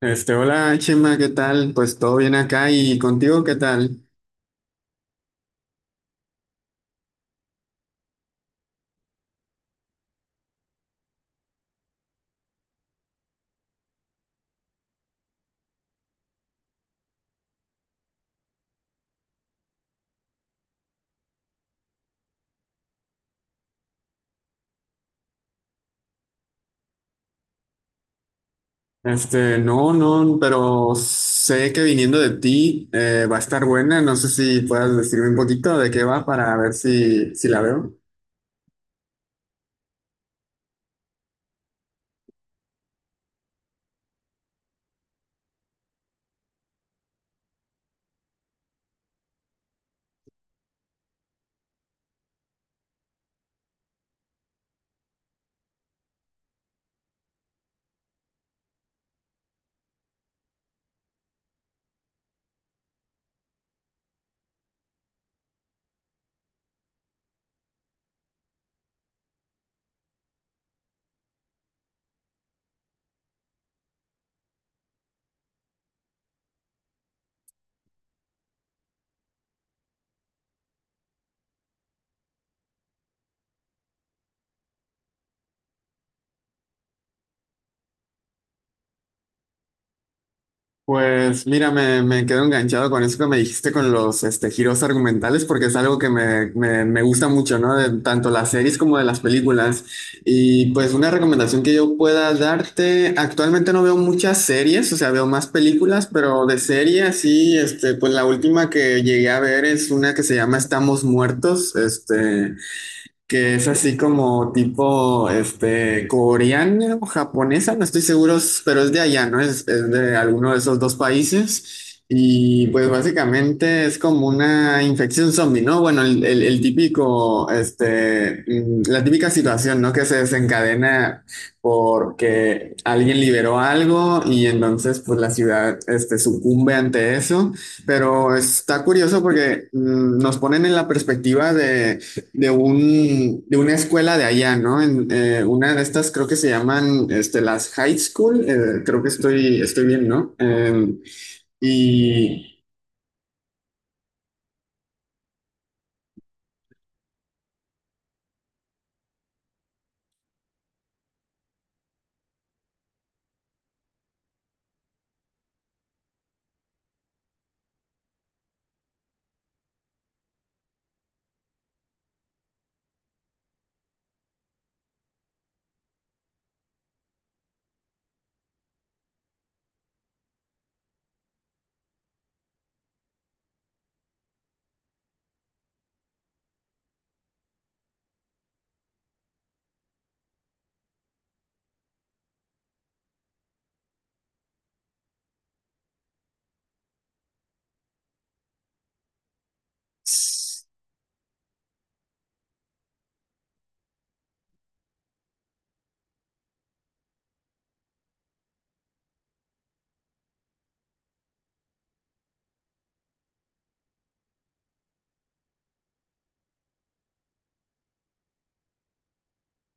Hola Chema, ¿qué tal? Pues todo bien acá y contigo, ¿qué tal? No, no, pero sé que viniendo de ti va a estar buena. No sé si puedas decirme un poquito de qué va para ver si la veo. Pues mira, me quedo enganchado con eso que me dijiste con los giros argumentales, porque es algo que me gusta mucho, ¿no? De tanto las series como de las películas. Y pues una recomendación que yo pueda darte, actualmente no veo muchas series, o sea, veo más películas, pero de series sí, este, pues la última que llegué a ver es una que se llama Estamos Muertos, que es así como tipo este coreana o japonesa, no estoy seguro, pero es de allá, ¿no? Es de alguno de esos dos países. Y pues básicamente es como una infección zombie, ¿no? Bueno, el típico, este, mm, la típica situación, ¿no? Que se desencadena porque alguien liberó algo y entonces pues la ciudad, este, sucumbe ante eso. Pero está curioso porque mm, nos ponen en la perspectiva de un, de una escuela de allá, ¿no? En, una de estas creo que se llaman este, las high school, creo que estoy bien, ¿no? Y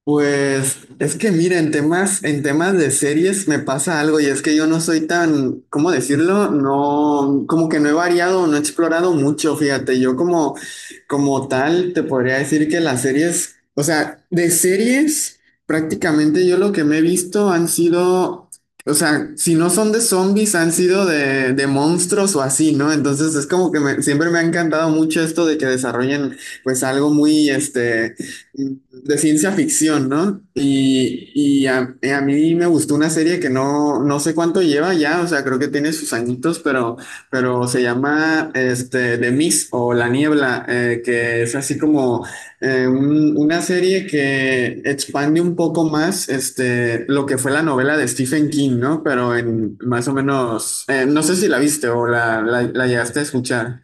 Pues es que mira, en temas de series me pasa algo y es que yo no soy tan, ¿cómo decirlo? No, como que no he variado, no he explorado mucho, fíjate, yo como, como tal te podría decir que las series, o sea, de series prácticamente yo lo que me he visto han sido, o sea, si no son de zombies, han sido de monstruos o así, ¿no? Entonces es como que siempre me ha encantado mucho esto de que desarrollen pues algo muy, de ciencia ficción, ¿no? Y, a mí me gustó una serie que no, no sé cuánto lleva ya, o sea, creo que tiene sus añitos, pero se llama este, The Mist o La Niebla, que es así como una serie que expande un poco más este, lo que fue la novela de Stephen King, ¿no? Pero en más o menos, no sé si la viste o la llegaste a escuchar.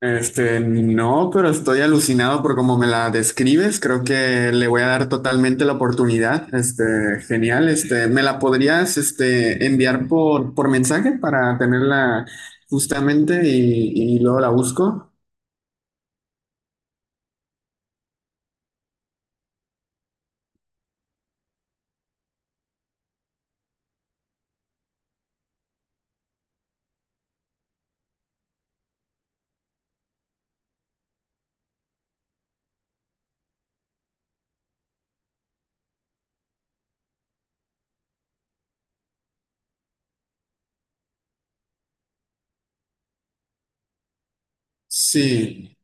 No, pero estoy alucinado por cómo me la describes. Creo que le voy a dar totalmente la oportunidad. Este, genial. Este, ¿me la podrías, este, enviar por mensaje para tenerla justamente y luego la busco? Sí.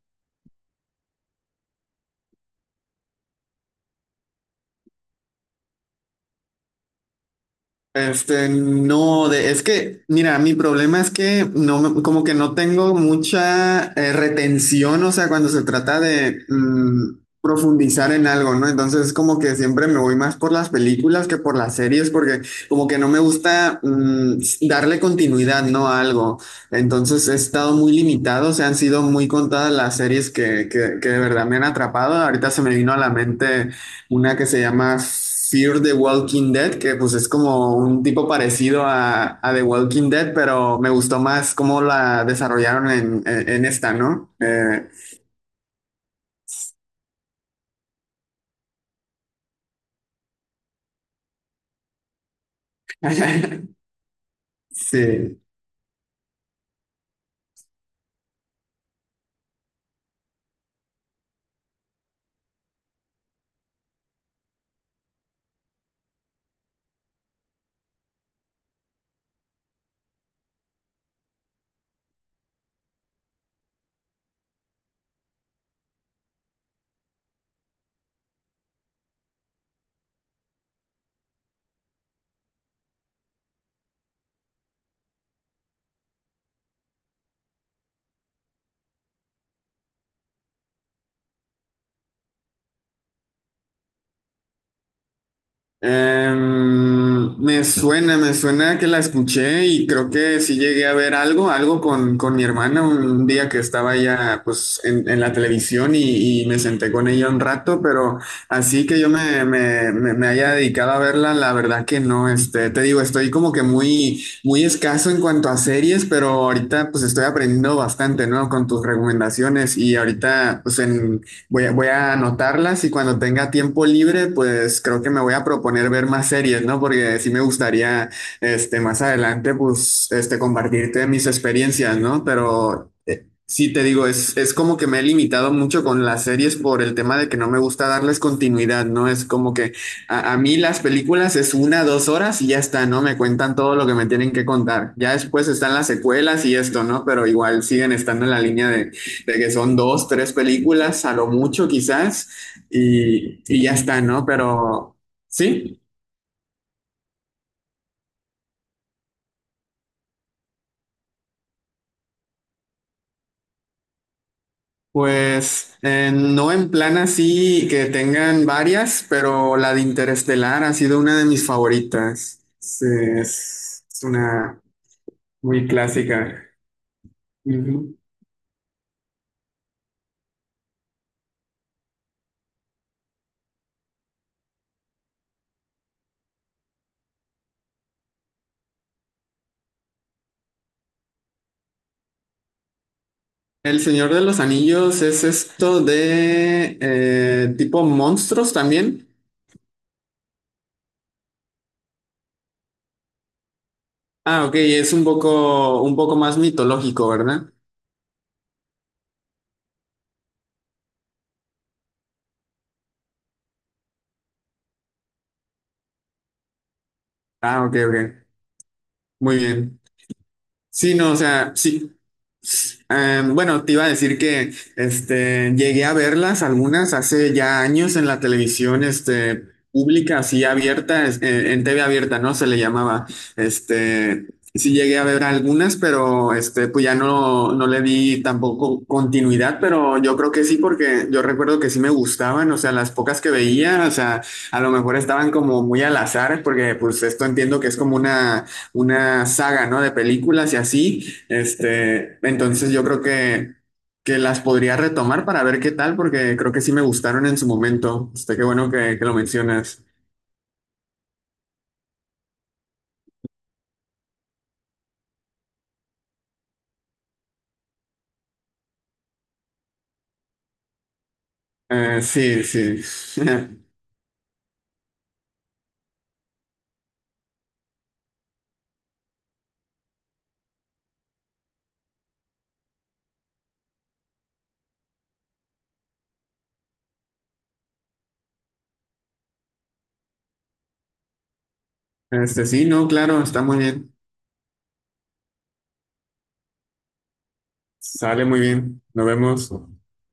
No, es que, mira, mi problema es que no, como que no tengo mucha retención, o sea, cuando se trata de mm, profundizar en algo, ¿no? Entonces, como que siempre me voy más por las películas que por las series, porque como que no me gusta mm, darle continuidad, ¿no? A algo. Entonces, he estado muy limitado, o sea, han sido muy contadas las series que de verdad me han atrapado. Ahorita se me vino a la mente una que se llama Fear the Walking Dead, que pues es como un tipo parecido a The Walking Dead, pero me gustó más cómo la desarrollaron en, en esta, ¿no? Sí. Me suena que la escuché y creo que sí llegué a ver algo, algo con mi hermana un día que estaba ya pues en la televisión y me senté con ella un rato, pero así que yo me haya dedicado a verla, la verdad que no, este, te digo, estoy como que muy, muy escaso en cuanto a series, pero ahorita pues estoy aprendiendo bastante, ¿no? Con tus recomendaciones y ahorita pues en... voy a anotarlas y cuando tenga tiempo libre, pues creo que me voy a proponer ver más series, ¿no? Porque sí me gustaría, este, más adelante, pues, este, compartirte mis experiencias, ¿no? Pero sí, te digo, es como que me he limitado mucho con las series por el tema de que no me gusta darles continuidad, ¿no? Es como que a mí las películas es una, dos horas y ya está, ¿no? Me cuentan todo lo que me tienen que contar. Ya después están las secuelas y esto, ¿no? Pero igual siguen estando en la línea de que son dos, tres películas, a lo mucho quizás, y ya está, ¿no? Pero sí. Pues no en plan así que tengan varias, pero la de Interestelar ha sido una de mis favoritas. Sí, es una muy clásica. Ujú. El Señor de los Anillos es esto de tipo monstruos también. Ah, ok, es un poco más mitológico, ¿verdad? Ah, ok, ok. Muy bien. Sí, no, o sea, sí. Bueno, te iba a decir que este, llegué a verlas algunas hace ya años en la televisión este, pública, así abierta, en TV abierta, ¿no? Se le llamaba. Este, sí llegué a ver algunas, pero este, pues ya no, no le di tampoco continuidad, pero yo creo que sí, porque yo recuerdo que sí me gustaban, o sea, las pocas que veía, o sea, a lo mejor estaban como muy al azar, porque pues esto entiendo que es como una saga, ¿no? De películas y así. Este, entonces yo creo que las podría retomar para ver qué tal, porque creo que sí me gustaron en su momento. Este, qué bueno que lo mencionas. Sí, sí. Este, sí, no, claro, está muy bien. Sale muy bien. Nos vemos.